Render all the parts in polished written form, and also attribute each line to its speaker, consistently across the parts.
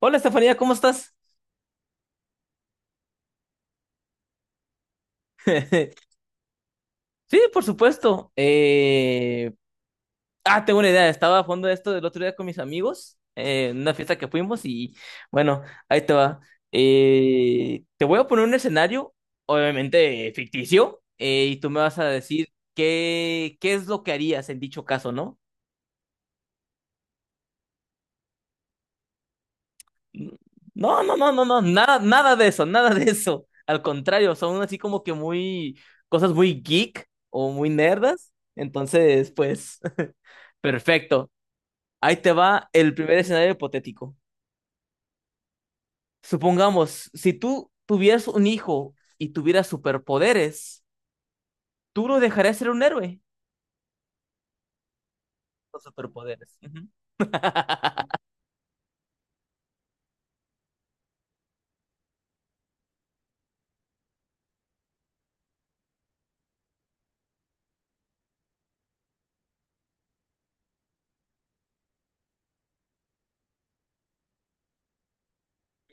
Speaker 1: Hola Estefanía, ¿cómo estás? Sí, por supuesto. Ah, tengo una idea. Estaba a fondo de esto del otro día con mis amigos, en una fiesta que fuimos y bueno, ahí te va. Te voy a poner un escenario, obviamente ficticio, y tú me vas a decir qué es lo que harías en dicho caso, ¿no? No, no, no, no, no, nada, nada de eso, nada de eso. Al contrario, son así como que muy, cosas muy geek o muy nerdas. Entonces, pues... Perfecto. Ahí te va el primer escenario hipotético. Supongamos, si tú tuvieras un hijo y tuvieras superpoderes, ¿tú lo dejarías ser un héroe? Los superpoderes. Ujú.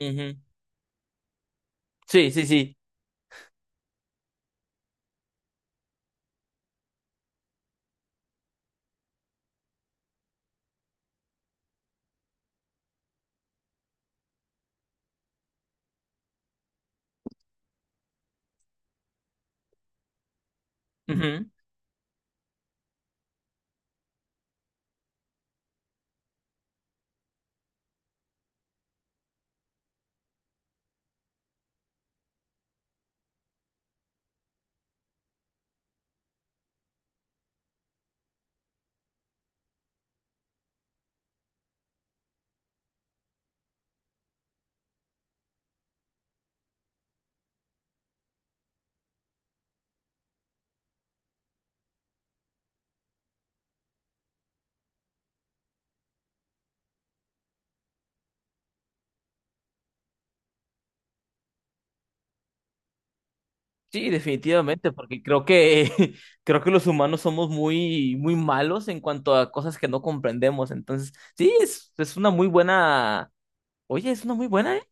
Speaker 1: Ujú. Sí, sí, sí. Ujú. Sí, definitivamente, porque creo que creo que los humanos somos muy muy malos en cuanto a cosas que no comprendemos. Entonces, sí, es una muy buena. Oye, es una muy buena, ¿eh?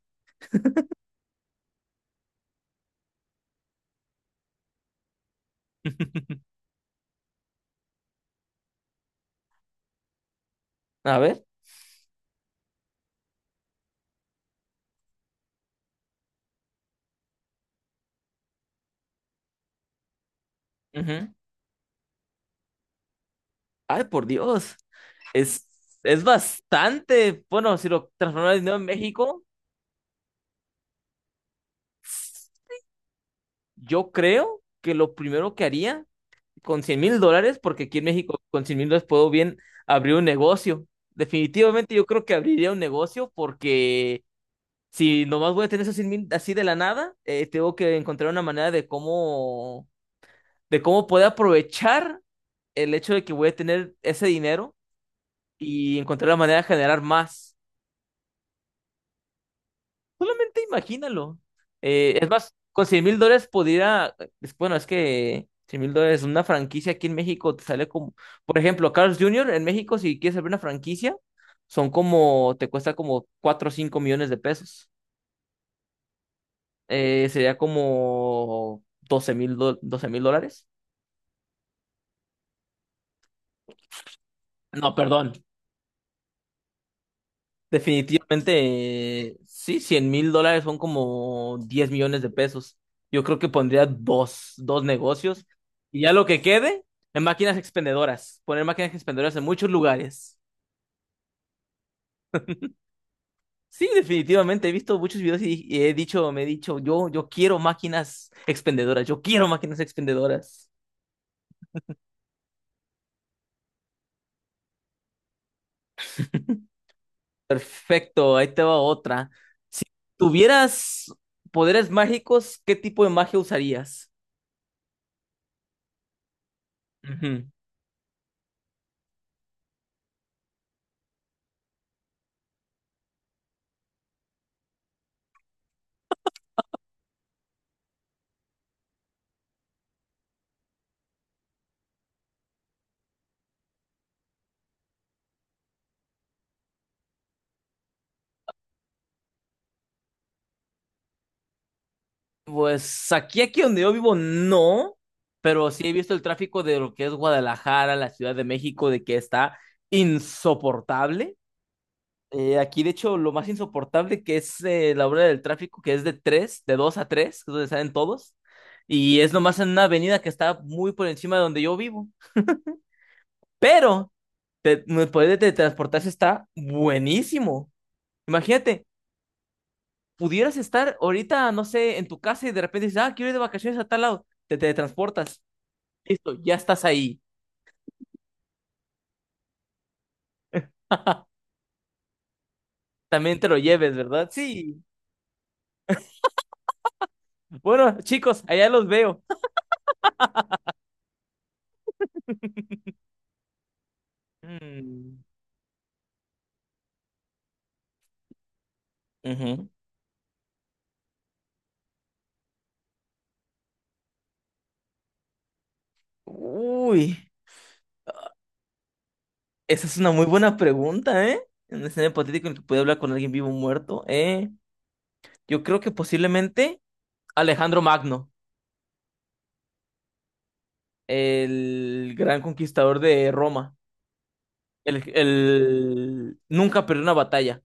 Speaker 1: A ver. Ujú. Ay, por Dios. Es, es bastante, bueno, si lo transformara en dinero en México, yo creo que lo primero que haría con $100,000, porque aquí en México con $100,000 puedo bien abrir un negocio. Definitivamente yo creo que abriría un negocio porque si nomás voy a tener esos 100,000 así de la nada, tengo que encontrar una manera de cómo poder aprovechar el hecho de que voy a tener ese dinero y encontrar la manera de generar más. Solamente imagínalo. Es más, con $100,000 podría, bueno, es que $100,000, una franquicia aquí en México te sale como, por ejemplo, Carlos Junior en México, si quieres abrir una franquicia, son como, te cuesta como 4 o 5 millones de pesos. Sería como 12,000, 12 mil dólares. No, perdón, definitivamente, sí, $100,000 son como 10 millones de pesos. Yo creo que pondría dos negocios y ya lo que quede en máquinas expendedoras, poner máquinas expendedoras en muchos lugares. Sí, definitivamente, he visto muchos videos y he dicho, me he dicho, yo quiero máquinas expendedoras, yo quiero máquinas expendedoras. Perfecto, ahí te va otra. Si tuvieras poderes mágicos, ¿qué tipo de magia usarías? Ujú. Pues aquí, aquí donde yo vivo, no, pero sí he visto el tráfico de lo que es Guadalajara, la Ciudad de México, de que está insoportable. Aquí, de hecho, lo más insoportable que es la hora del tráfico, que es de 2 a 3, que es donde salen todos, y es nomás en una avenida que está muy por encima de donde yo vivo. Pero poder de teletransportarse está buenísimo. Imagínate, pudieras estar ahorita, no sé, en tu casa y de repente dices, ah, quiero ir de vacaciones a tal lado, te teletransportas. Listo, ya estás ahí. También te lo lleves, ¿verdad? Sí. Bueno, chicos, allá los veo. Mm, ujú. Uy, esa es una muy buena pregunta, ¿eh? En un escenario hipotético en el que puede hablar con alguien vivo o muerto, ¿eh? Yo creo que posiblemente Alejandro Magno, el gran conquistador de Roma. Nunca perdió una batalla,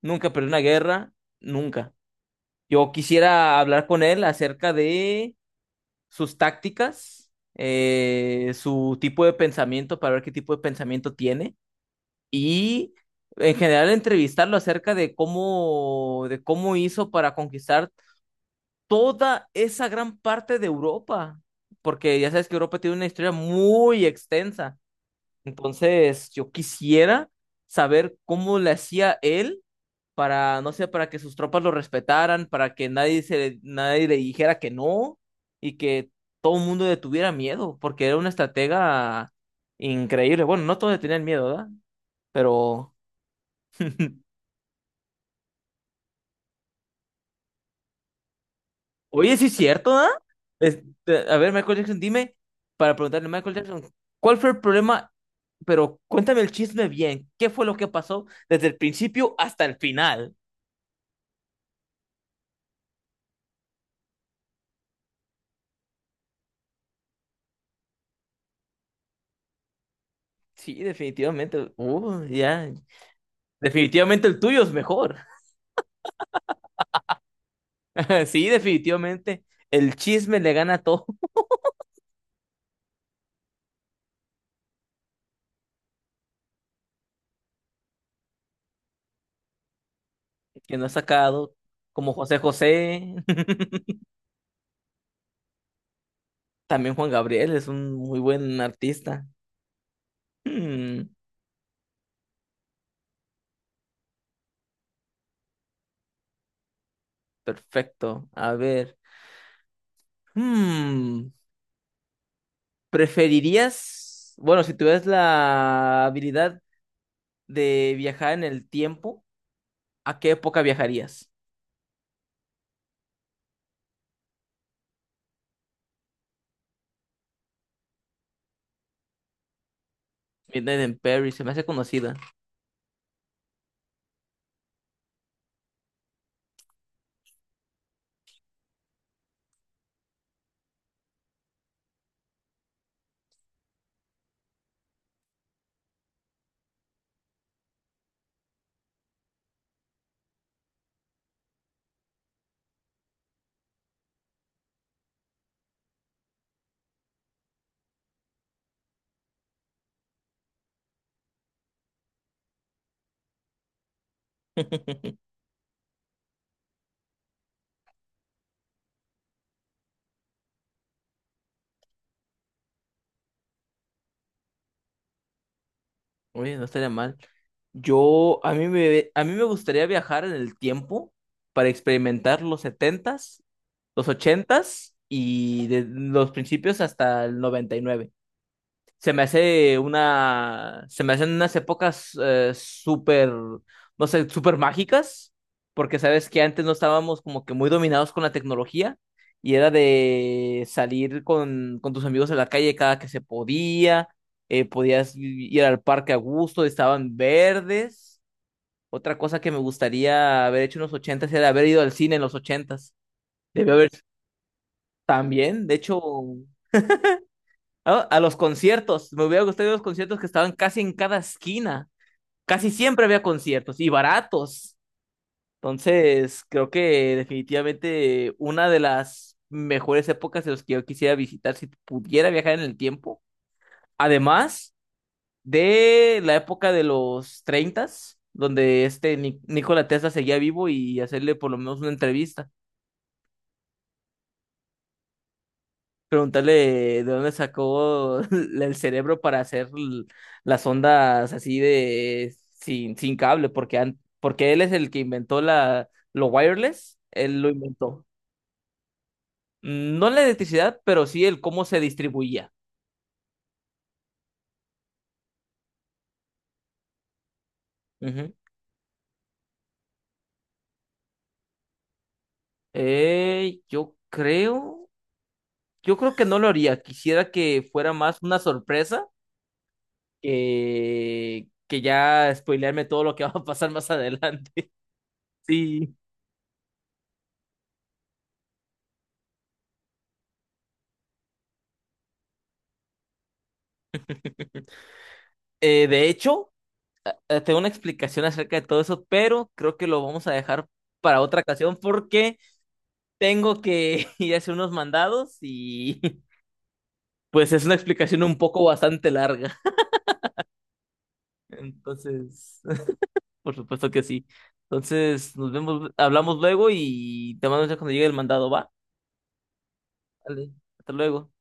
Speaker 1: nunca perdió una guerra, nunca. Yo quisiera hablar con él acerca de sus tácticas, su tipo de pensamiento para ver qué tipo de pensamiento tiene y en general entrevistarlo acerca de de cómo hizo para conquistar toda esa gran parte de Europa, porque ya sabes que Europa tiene una historia muy extensa. Entonces, yo quisiera saber cómo le hacía él para, no sé, para que sus tropas lo respetaran, para que nadie le dijera que no y que todo el mundo le tuviera miedo, porque era una estratega increíble. Bueno, no todos le tenían miedo, ¿verdad? Pero, oye, sí es cierto, ¿verdad? Este, a ver, Michael Jackson, dime, para preguntarle, Michael Jackson, ¿cuál fue el problema? Pero cuéntame el chisme bien, ¿qué fue lo que pasó desde el principio hasta el final? Sí, definitivamente. Ya. Definitivamente el tuyo es mejor. Sí, definitivamente. El chisme le gana a todo. Que no ha sacado, como José José. También Juan Gabriel es un muy buen artista. Hmm, perfecto. A ver. Hmm, ¿preferirías, bueno, si tuvieras la habilidad de viajar en el tiempo, ¿a qué época viajarías? Midnight in Paris, se me hace conocida. Oye, no estaría mal. Yo, a mí me gustaría viajar en el tiempo para experimentar los setentas, los ochentas y de los principios hasta el 99. Se me hacen unas épocas súper, no sé, súper mágicas, porque sabes que antes no estábamos como que muy dominados con la tecnología y era de salir con tus amigos a la calle cada que se podía, podías ir al parque a gusto, estaban verdes. Otra cosa que me gustaría haber hecho en los ochentas era haber ido al cine en los ochentas. Debió haber también, de hecho, a los conciertos, me hubiera gustado ir a los conciertos que estaban casi en cada esquina. Casi siempre había conciertos y baratos. Entonces, creo que definitivamente una de las mejores épocas de los que yo quisiera visitar si pudiera viajar en el tiempo. Además de la época de los treintas donde este Nikola Tesla seguía vivo y hacerle por lo menos una entrevista. Preguntarle de dónde sacó el cerebro para hacer las ondas así de sin cable, porque, porque él es el que inventó lo wireless, él lo inventó. No la electricidad, pero sí el cómo se distribuía. Ujú. Eh, yo creo, yo creo que no lo haría. Quisiera que fuera más una sorpresa que ya spoilearme todo lo que va a pasar más adelante. Sí. De hecho. Tengo una explicación acerca de todo eso, pero creo que lo vamos a dejar para otra ocasión porque tengo que ir a hacer unos mandados y pues es una explicación un poco bastante larga. Entonces, por supuesto que sí. Entonces, nos vemos, hablamos luego y te mando un mensaje cuando llegue el mandado, ¿va? Vale, hasta luego.